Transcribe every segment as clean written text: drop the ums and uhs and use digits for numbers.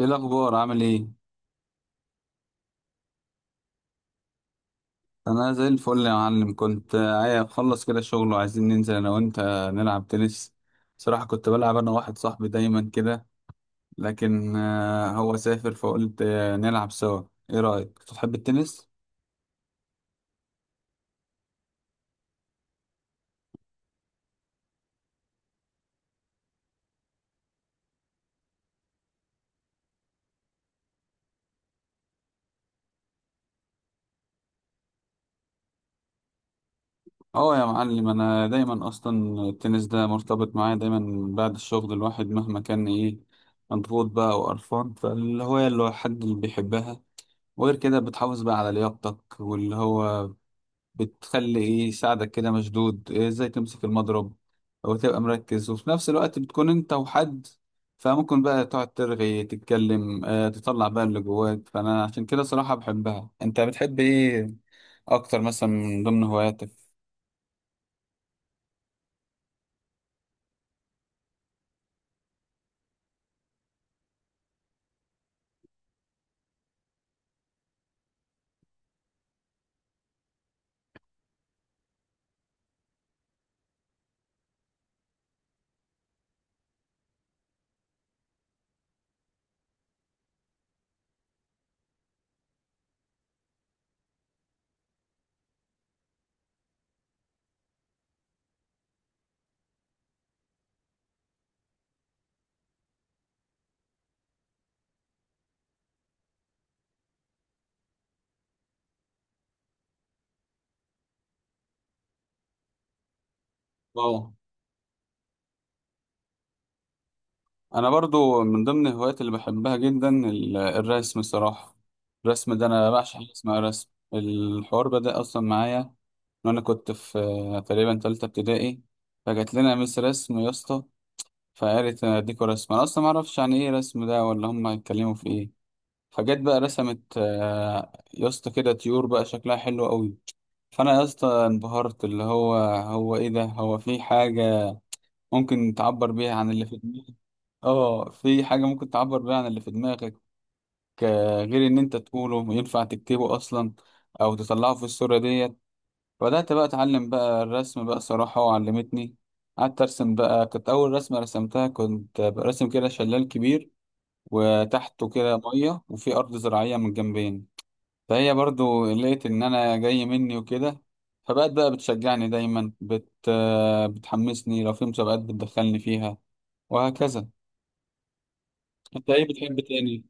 ايه الاخبار، عامل ايه؟ انا زي الفل يا معلم، كنت عايز اخلص كده شغل وعايزين ننزل انا وانت نلعب تنس. صراحة كنت بلعب انا واحد صاحبي دايما كده، لكن هو سافر فقلت نلعب سوا. ايه رأيك، بتحب التنس؟ اه يا معلم، انا دايما اصلا التنس ده مرتبط معايا دايما بعد الشغل. الواحد مهما كان ايه مضغوط بقى وقرفان، فالهواية اللي هو حد اللي بيحبها. وغير كده بتحافظ بقى على لياقتك، واللي هو بتخلي ايه يساعدك كده مشدود، ازاي تمسك المضرب او تبقى مركز، وفي نفس الوقت بتكون انت وحد. فممكن بقى تقعد ترغي تتكلم، تطلع بقى اللي جواك، فانا عشان كده صراحة بحبها. انت بتحب ايه اكتر مثلا من ضمن هواياتك؟ اه، انا برضو من ضمن الهوايات اللي بحبها جدا الرسم صراحة. الرسم ده انا بعشق حاجة اسمها رسم الحوار، بدأ اصلا معايا وانا كنت في تقريبا تالتة ابتدائي. فجات لنا مس رسم يا اسطى، فقالت اديكوا رسم. انا اصلا ما اعرفش يعني ايه رسم ده، ولا هم هيتكلموا في ايه. فجت بقى رسمت يا اسطى كده طيور بقى شكلها حلو قوي. فانا يا اسطى انبهرت، اللي هو ايه ده، هو في حاجه ممكن تعبر بيها عن اللي في دماغك؟ اه، في حاجه ممكن تعبر بيها عن اللي في دماغك، غير ان انت تقوله ينفع تكتبه اصلا او تطلعه في الصوره ديت. بدأت بقى أتعلم بقى الرسم بقى صراحة، وعلمتني قعدت أرسم بقى. كانت أول رسمة رسمتها كنت برسم كده شلال كبير، وتحته كده مية، وفي أرض زراعية من الجنبين. فهي برضو لقيت إن أنا جاي مني وكده، فبقت بقى بتشجعني دايما، بتحمسني، لو في مسابقات بتدخلني فيها، وهكذا. أنت إيه بتحب تاني؟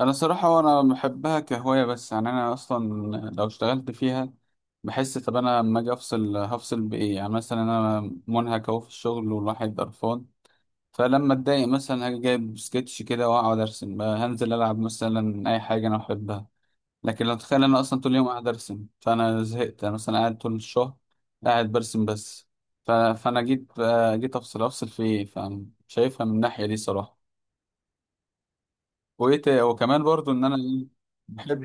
انا صراحة انا بحبها كهواية بس. يعني انا اصلا لو اشتغلت فيها بحس، طب انا لما اجي افصل هفصل بايه؟ يعني مثلا انا منهك اهو في الشغل والواحد قرفان، فلما اتضايق مثلا هاجي جايب سكتش كده واقعد ارسم بقى، هنزل العب مثلا اي حاجة انا بحبها. لكن لو تخيل انا اصلا طول اليوم قاعد ارسم فانا زهقت. انا مثلا قاعد طول الشهر قاعد برسم بس، فانا جيت افصل في ايه؟ فشايفها من الناحية دي صراحة. وكمان برضو ان انا بحب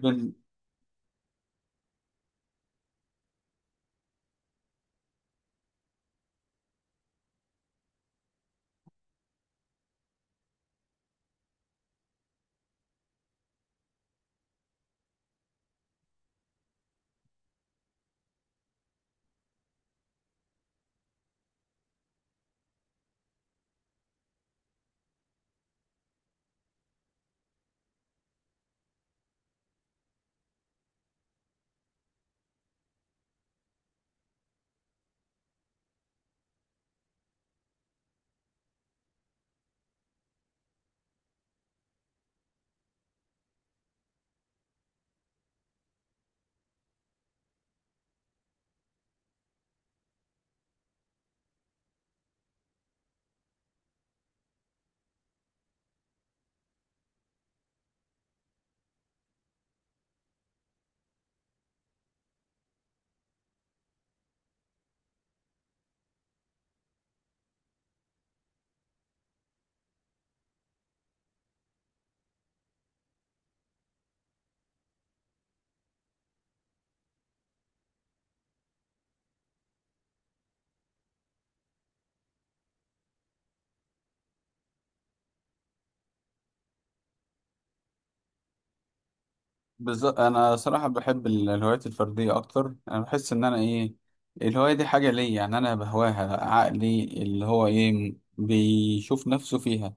بالظبط. انا صراحه بحب الهوايات الفرديه اكتر. انا بحس ان انا الهوايه دي حاجه ليا، يعني انا بهواها. عقلي اللي هو بيشوف نفسه فيها.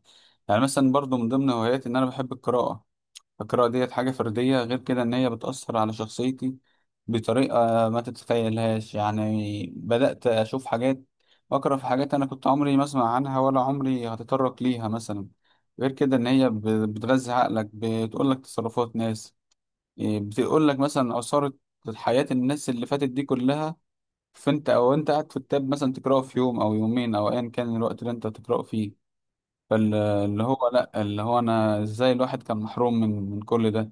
يعني مثلا برضو من ضمن هواياتي ان انا بحب القراءه. القراءه ديت حاجه فرديه، غير كده ان هي بتاثر على شخصيتي بطريقه ما تتخيلهاش. يعني بدات اشوف حاجات، اقرا في حاجات انا كنت عمري ما اسمع عنها ولا عمري هتطرق ليها مثلا. غير كده ان هي بتغذي عقلك، بتقول لك تصرفات ناس، بتقول لك مثلا أثارت حياة الناس اللي فاتت دي كلها. فأنت، أو أنت قاعد في التاب مثلا تقرأه في يوم أو يومين أو أيا كان الوقت اللي أنت تقرأه فيه، فاللي هو لأ، اللي هو أنا إزاي الواحد كان محروم من كل ده؟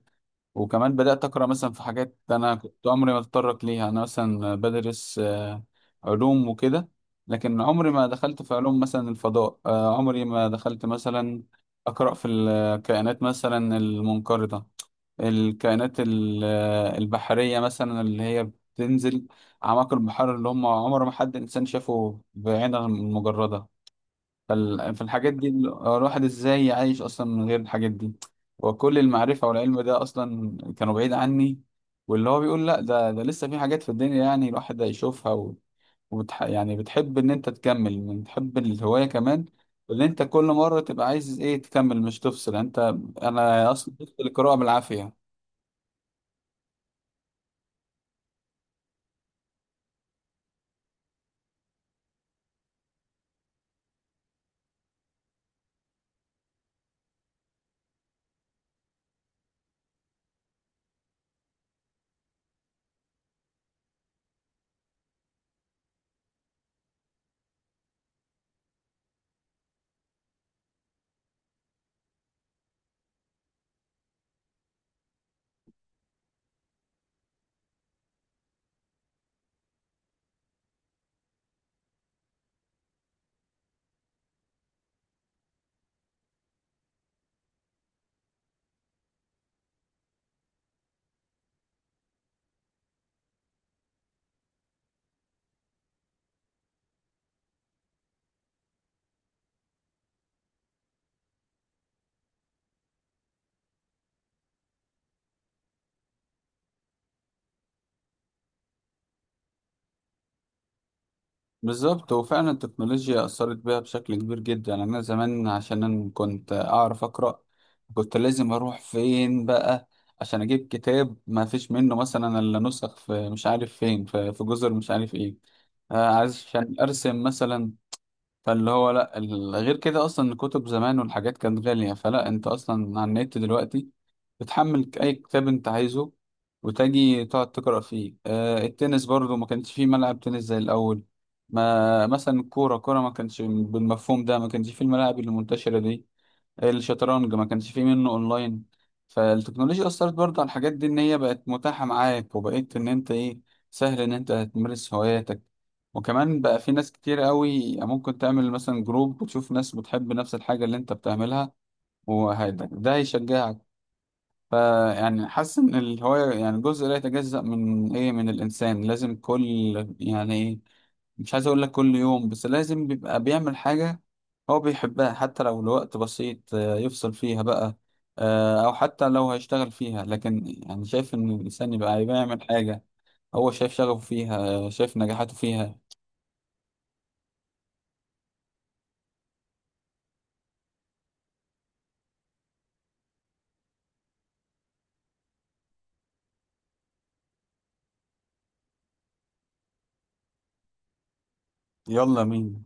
وكمان بدأت أقرأ مثلا في حاجات أنا كنت عمري ما أتطرق ليها. أنا مثلا بدرس علوم وكده، لكن عمري ما دخلت في علوم مثلا الفضاء، عمري ما دخلت مثلا أقرأ في الكائنات مثلا المنقرضة، الكائنات البحرية مثلا اللي هي بتنزل أعماق البحر، اللي هم عمر ما حد إنسان شافه بعينه المجردة. فالحاجات دي، الواحد إزاي يعيش أصلا من غير الحاجات دي؟ وكل المعرفة والعلم ده أصلا كانوا بعيد عني، واللي هو بيقول لأ، ده لسه في حاجات في الدنيا يعني الواحد هيشوفها يعني بتحب إن أنت تكمل، من تحب الهواية كمان اللي أنت كل مرة تبقى عايز إيه تكمل، مش تفصل يعني أنت. أنا أصلا بفصل القراءة بالعافية. بالظبط، هو فعلا التكنولوجيا أثرت بيها بشكل كبير جدا. يعني أنا زمان عشان أنا كنت أعرف أقرأ كنت لازم أروح فين بقى عشان أجيب كتاب ما فيش منه مثلا إلا نسخ في مش عارف فين، في جزر مش عارف إيه، عشان أرسم مثلا. فاللي هو لا، غير كده اصلا الكتب زمان والحاجات كانت غالية، فلا انت اصلا على النت دلوقتي بتحمل اي كتاب انت عايزه وتجي تقعد تقرأ فيه. التنس برضو ما كانش فيه ملعب تنس زي الاول، ما مثلا الكورة كورة ما كانش بالمفهوم ده، ما كانش فيه الملاعب المنتشرة دي. الشطرنج ما كانش فيه منه اونلاين. فالتكنولوجيا اثرت برضه على الحاجات دي، ان هي بقت متاحه معاك، وبقيت ان انت ايه سهل ان انت تمارس هواياتك. وكمان بقى في ناس كتير قوي ممكن تعمل مثلا جروب وتشوف ناس بتحب نفس الحاجه اللي انت بتعملها، وهيدا ده هيشجعك. فيعني حاسس ان الهوايه يعني جزء لا يتجزأ من ايه، من الانسان. لازم كل، يعني ايه، مش عايز اقول لك كل يوم، بس لازم بيبقى بيعمل حاجة هو بيحبها، حتى لو لوقت بسيط يفصل فيها بقى، او حتى لو هيشتغل فيها، لكن يعني شايف ان الانسان يبقى بيعمل حاجة هو شايف شغفه فيها، شايف نجاحاته فيها. يلا مين